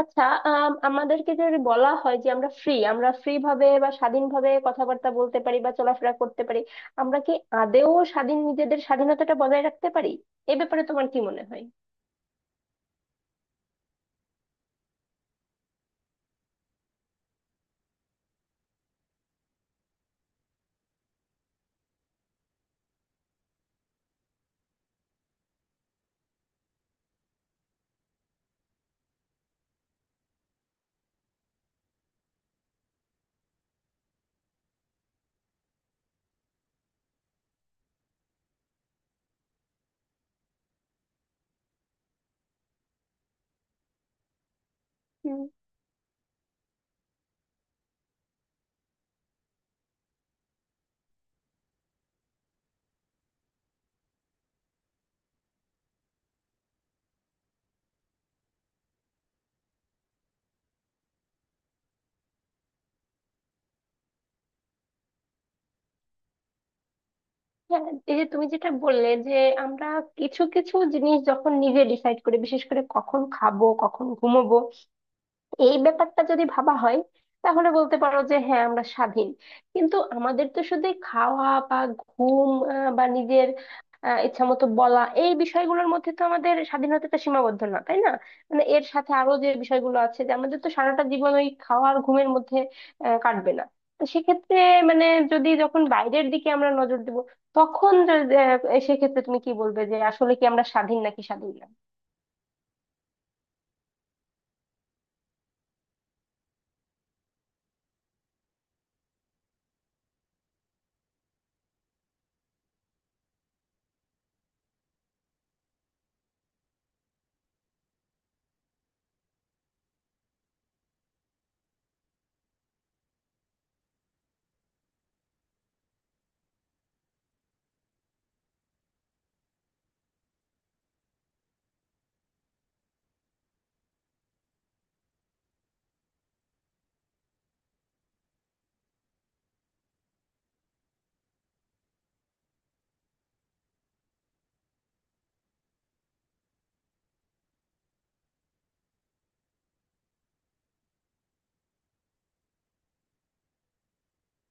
আচ্ছা আমাদেরকে যদি বলা হয় যে আমরা ফ্রি ভাবে বা স্বাধীনভাবে কথাবার্তা বলতে পারি বা চলাফেরা করতে পারি, আমরা কি আদেও স্বাধীন, নিজেদের স্বাধীনতাটা বজায় রাখতে পারি? এ ব্যাপারে তোমার কি মনে হয়? হুম। হ্যাঁ, এই যে তুমি যেটা বললে যে আমরা কিছু কিছু জিনিস যখন নিজে ডিসাইড করি, বিশেষ করে কখন খাবো কখন ঘুমোবো, এই ব্যাপারটা যদি ভাবা হয়, তাহলে বলতে পারো যে হ্যাঁ আমরা স্বাধীন। কিন্তু আমাদের তো শুধু এই খাওয়া বা ঘুম বা নিজের ইচ্ছা মতো বলা, এই বিষয়গুলোর মধ্যে তো আমাদের স্বাধীনতাটা সীমাবদ্ধ না, তাই না? মানে এর সাথে আরো যে বিষয়গুলো আছে যে আমাদের তো সারাটা জীবন ওই খাওয়া আর ঘুমের মধ্যে কাটবে না। তো সেক্ষেত্রে মানে যখন বাইরের দিকে আমরা নজর দিব, তখন সেক্ষেত্রে তুমি কি বলবে যে আসলে কি আমরা স্বাধীন নাকি স্বাধীন না?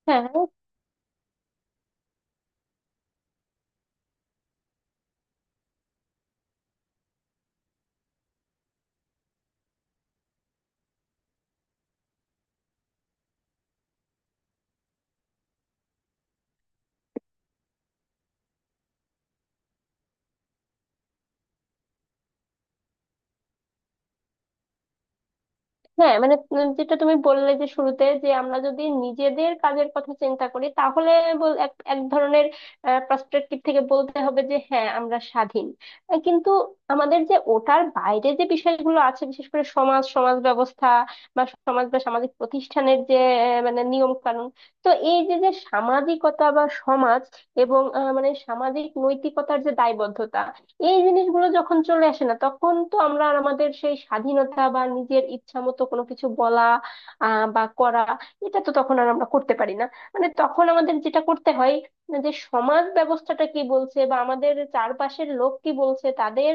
হ্যাঁ। হ্যাঁ মানে যেটা তুমি বললে যে শুরুতে যে আমরা যদি নিজেদের কাজের কথা চিন্তা করি, তাহলে এক এক ধরনের পার্সপেক্টিভ থেকে বলতে হবে যে হ্যাঁ আমরা স্বাধীন। কিন্তু আমাদের যে ওটার বাইরে যে বিষয়গুলো আছে, বিশেষ করে সমাজ, সমাজ ব্যবস্থা বা সমাজ বা সামাজিক প্রতিষ্ঠানের যে মানে নিয়ম কানুন, তো এই যে যে সামাজিকতা বা সমাজ, এবং মানে সামাজিক নৈতিকতার যে দায়বদ্ধতা, এই জিনিসগুলো যখন চলে আসে না, তখন তো আমরা আর আমাদের সেই স্বাধীনতা বা নিজের ইচ্ছা মতো কোনো কিছু বলা বা করা, এটা তো তখন আর আমরা করতে পারি না। মানে তখন আমাদের যেটা করতে হয়, যে সমাজ ব্যবস্থাটা কি বলছে বা আমাদের চারপাশের লোক কি বলছে, তাদের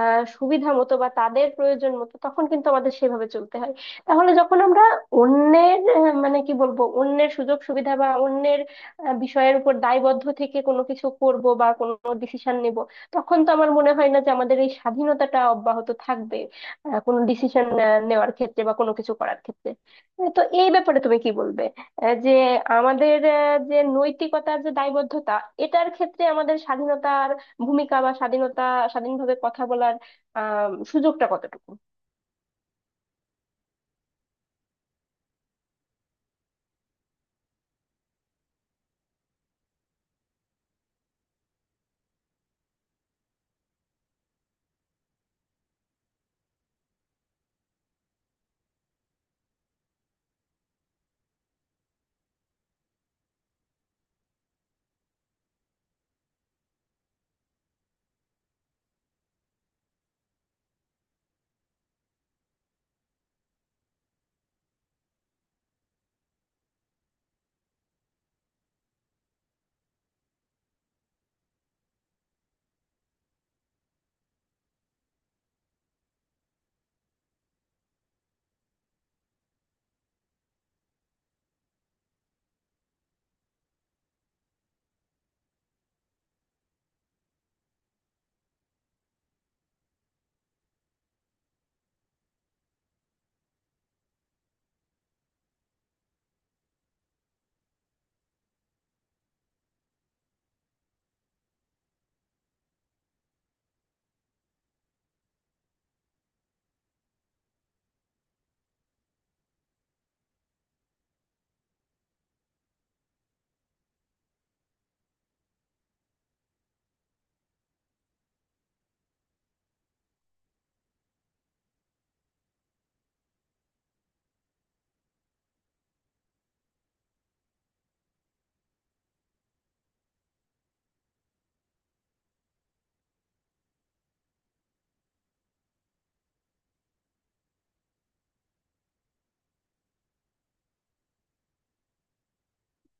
সুবিধা মতো বা তাদের প্রয়োজন মতো, তখন কিন্তু আমাদের সেভাবে চলতে হয়। তাহলে যখন আমরা অন্যের মানে কি বলবো, অন্যের সুযোগ সুবিধা বা অন্যের বিষয়ের উপর দায়বদ্ধ থেকে কোনো কিছু করব বা কোনো ডিসিশন নেব, তখন তো আমার মনে হয় না যে আমাদের এই স্বাধীনতাটা অব্যাহত থাকবে কোনো ডিসিশন নেওয়ার ক্ষেত্রে বা কোনো কিছু করার ক্ষেত্রে। তো এই ব্যাপারে তুমি কি বলবে, যে আমাদের যে নৈতিকতার যে দায়বদ্ধতা, এটার ক্ষেত্রে আমাদের স্বাধীনতার ভূমিকা বা স্বাধীনতা, স্বাধীনভাবে কথা বলার সুযোগটা কতটুকু?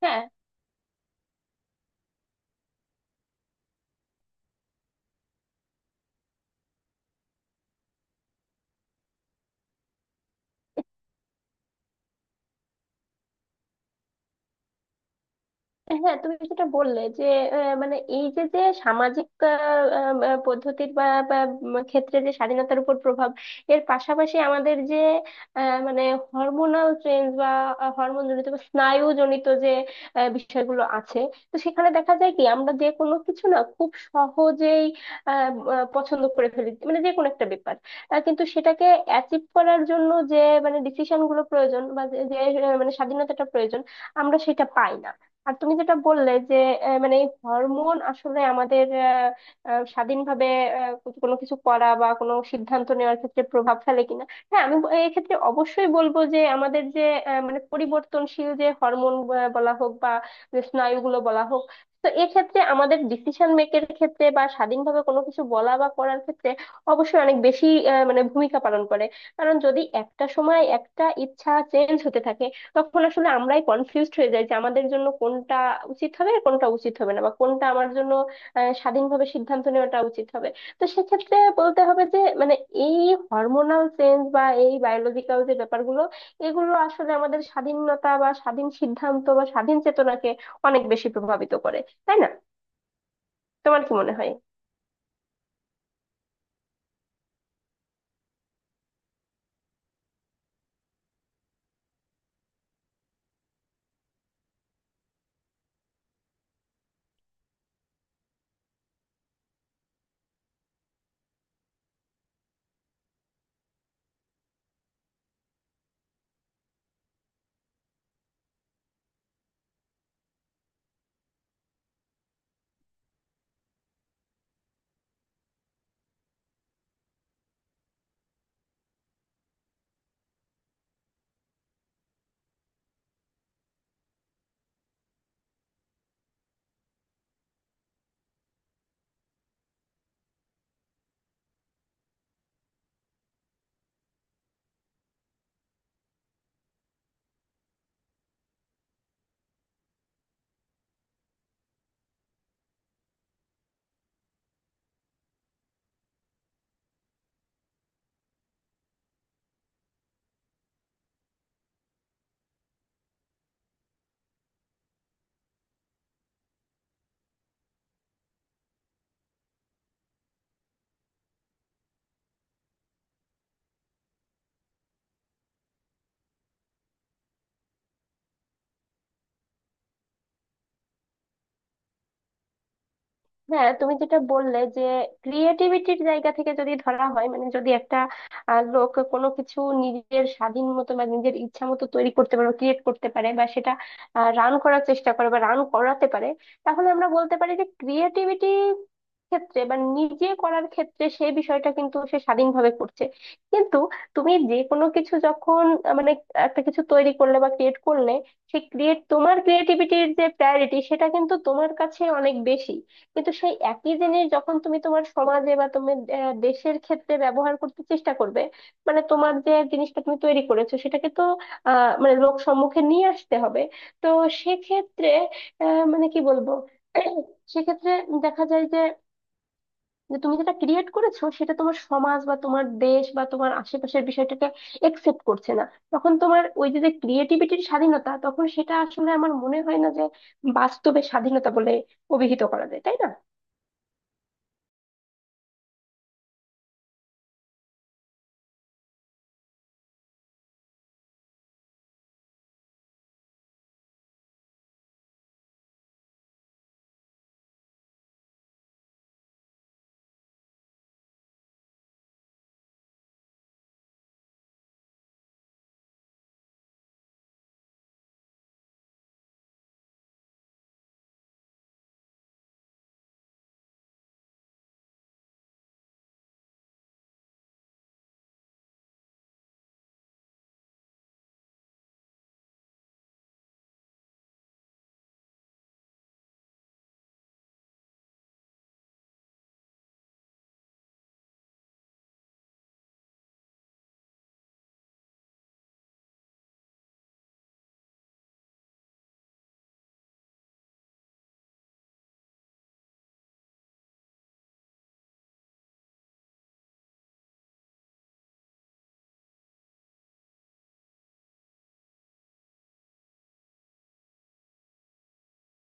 হ্যাঁ। হ্যাঁ তুমি যেটা বললে যে মানে এই যে যে সামাজিক পদ্ধতির বা বা, উম, ক্ষেত্রে যে স্বাধীনতার উপর প্রভাব, এর পাশাপাশি আমাদের যে মানে হরমোনাল চেঞ্জ বা হরমোন জনিত বা স্নায়ু জনিত যে বিষয়গুলো আছে, তো সেখানে দেখা যায় কি আমরা যে কোনো কিছু না খুব সহজেই আহ, আহ, পছন্দ করে ফেলি, মানে যে কোনো একটা ব্যাপার, কিন্তু সেটাকে অ্যাচিভ করার জন্য যে মানে ডিসিশন গুলো প্রয়োজন বা যে যে, আহ, মানে স্বাধীনতাটা প্রয়োজন, আমরা সেটা পাই না। আর তুমি যেটা বললে যে মানে এই হরমোন আসলে আমাদের আহ, আহ, স্বাধীনভাবে কোনো কিছু করা বা কোনো সিদ্ধান্ত নেওয়ার ক্ষেত্রে প্রভাব ফেলে কিনা, হ্যাঁ আমি এই ক্ষেত্রে অবশ্যই বলবো যে আমাদের যে মানে পরিবর্তনশীল যে হরমোন বলা হোক বা যে স্নায়ুগুলো বলা হোক, তো এক্ষেত্রে আমাদের ডিসিশন মেকের ক্ষেত্রে বা স্বাধীনভাবে কোনো কিছু বলা বা করার ক্ষেত্রে অবশ্যই অনেক বেশি মানে ভূমিকা পালন করে। কারণ যদি একটা সময় একটা ইচ্ছা চেঞ্জ হতে থাকে, তখন আসলে আমরাই কনফিউজড হয়ে যাই যে আমাদের জন্য কোনটা উচিত হবে আর কোনটা উচিত হবে না, বা কোনটা আমার জন্য স্বাধীনভাবে সিদ্ধান্ত নেওয়াটা উচিত হবে। তো সেক্ষেত্রে বলতে হবে যে মানে এই হরমোনাল চেঞ্জ বা এই বায়োলজিক্যাল যে ব্যাপারগুলো, এগুলো আসলে আমাদের স্বাধীনতা বা স্বাধীন সিদ্ধান্ত বা স্বাধীন চেতনাকে অনেক বেশি প্রভাবিত করে, তাই না? তোমার কি মনে হয়? হ্যাঁ তুমি যেটা বললে যে ক্রিয়েটিভিটির জায়গা থেকে যদি ধরা হয়, মানে যদি একটা লোক কোনো কিছু নিজের স্বাধীন মতো বা নিজের ইচ্ছা মতো তৈরি করতে পারে, ক্রিয়েট করতে পারে, বা সেটা রান করার চেষ্টা করে বা রান করাতে পারে, তাহলে আমরা বলতে পারি যে ক্রিয়েটিভিটি ক্ষেত্রে বা নিজে করার ক্ষেত্রে সেই বিষয়টা কিন্তু সে স্বাধীনভাবে করছে। কিন্তু তুমি যে কোনো কিছু যখন মানে একটা কিছু তৈরি করলে বা ক্রিয়েট করলে, সেই ক্রিয়েট তোমার ক্রিয়েটিভিটির যে প্রায়োরিটি সেটা কিন্তু তোমার কাছে অনেক বেশি। কিন্তু সেই একই জিনিস যখন তুমি তোমার সমাজে বা তুমি দেশের ক্ষেত্রে ব্যবহার করতে চেষ্টা করবে, মানে তোমার যে জিনিসটা তুমি তৈরি করেছো সেটাকে তো মানে লোক সম্মুখে নিয়ে আসতে হবে। তো সেক্ষেত্রে আহ মানে কি বলবো সেক্ষেত্রে দেখা যায় যে যে তুমি যেটা ক্রিয়েট করেছো সেটা তোমার সমাজ বা তোমার দেশ বা তোমার আশেপাশের বিষয়টাকে একসেপ্ট করছে না, তখন তোমার ওই যে যে ক্রিয়েটিভিটির স্বাধীনতা, তখন সেটা আসলে আমার মনে হয় না যে বাস্তবে স্বাধীনতা বলে অভিহিত করা যায়, তাই না?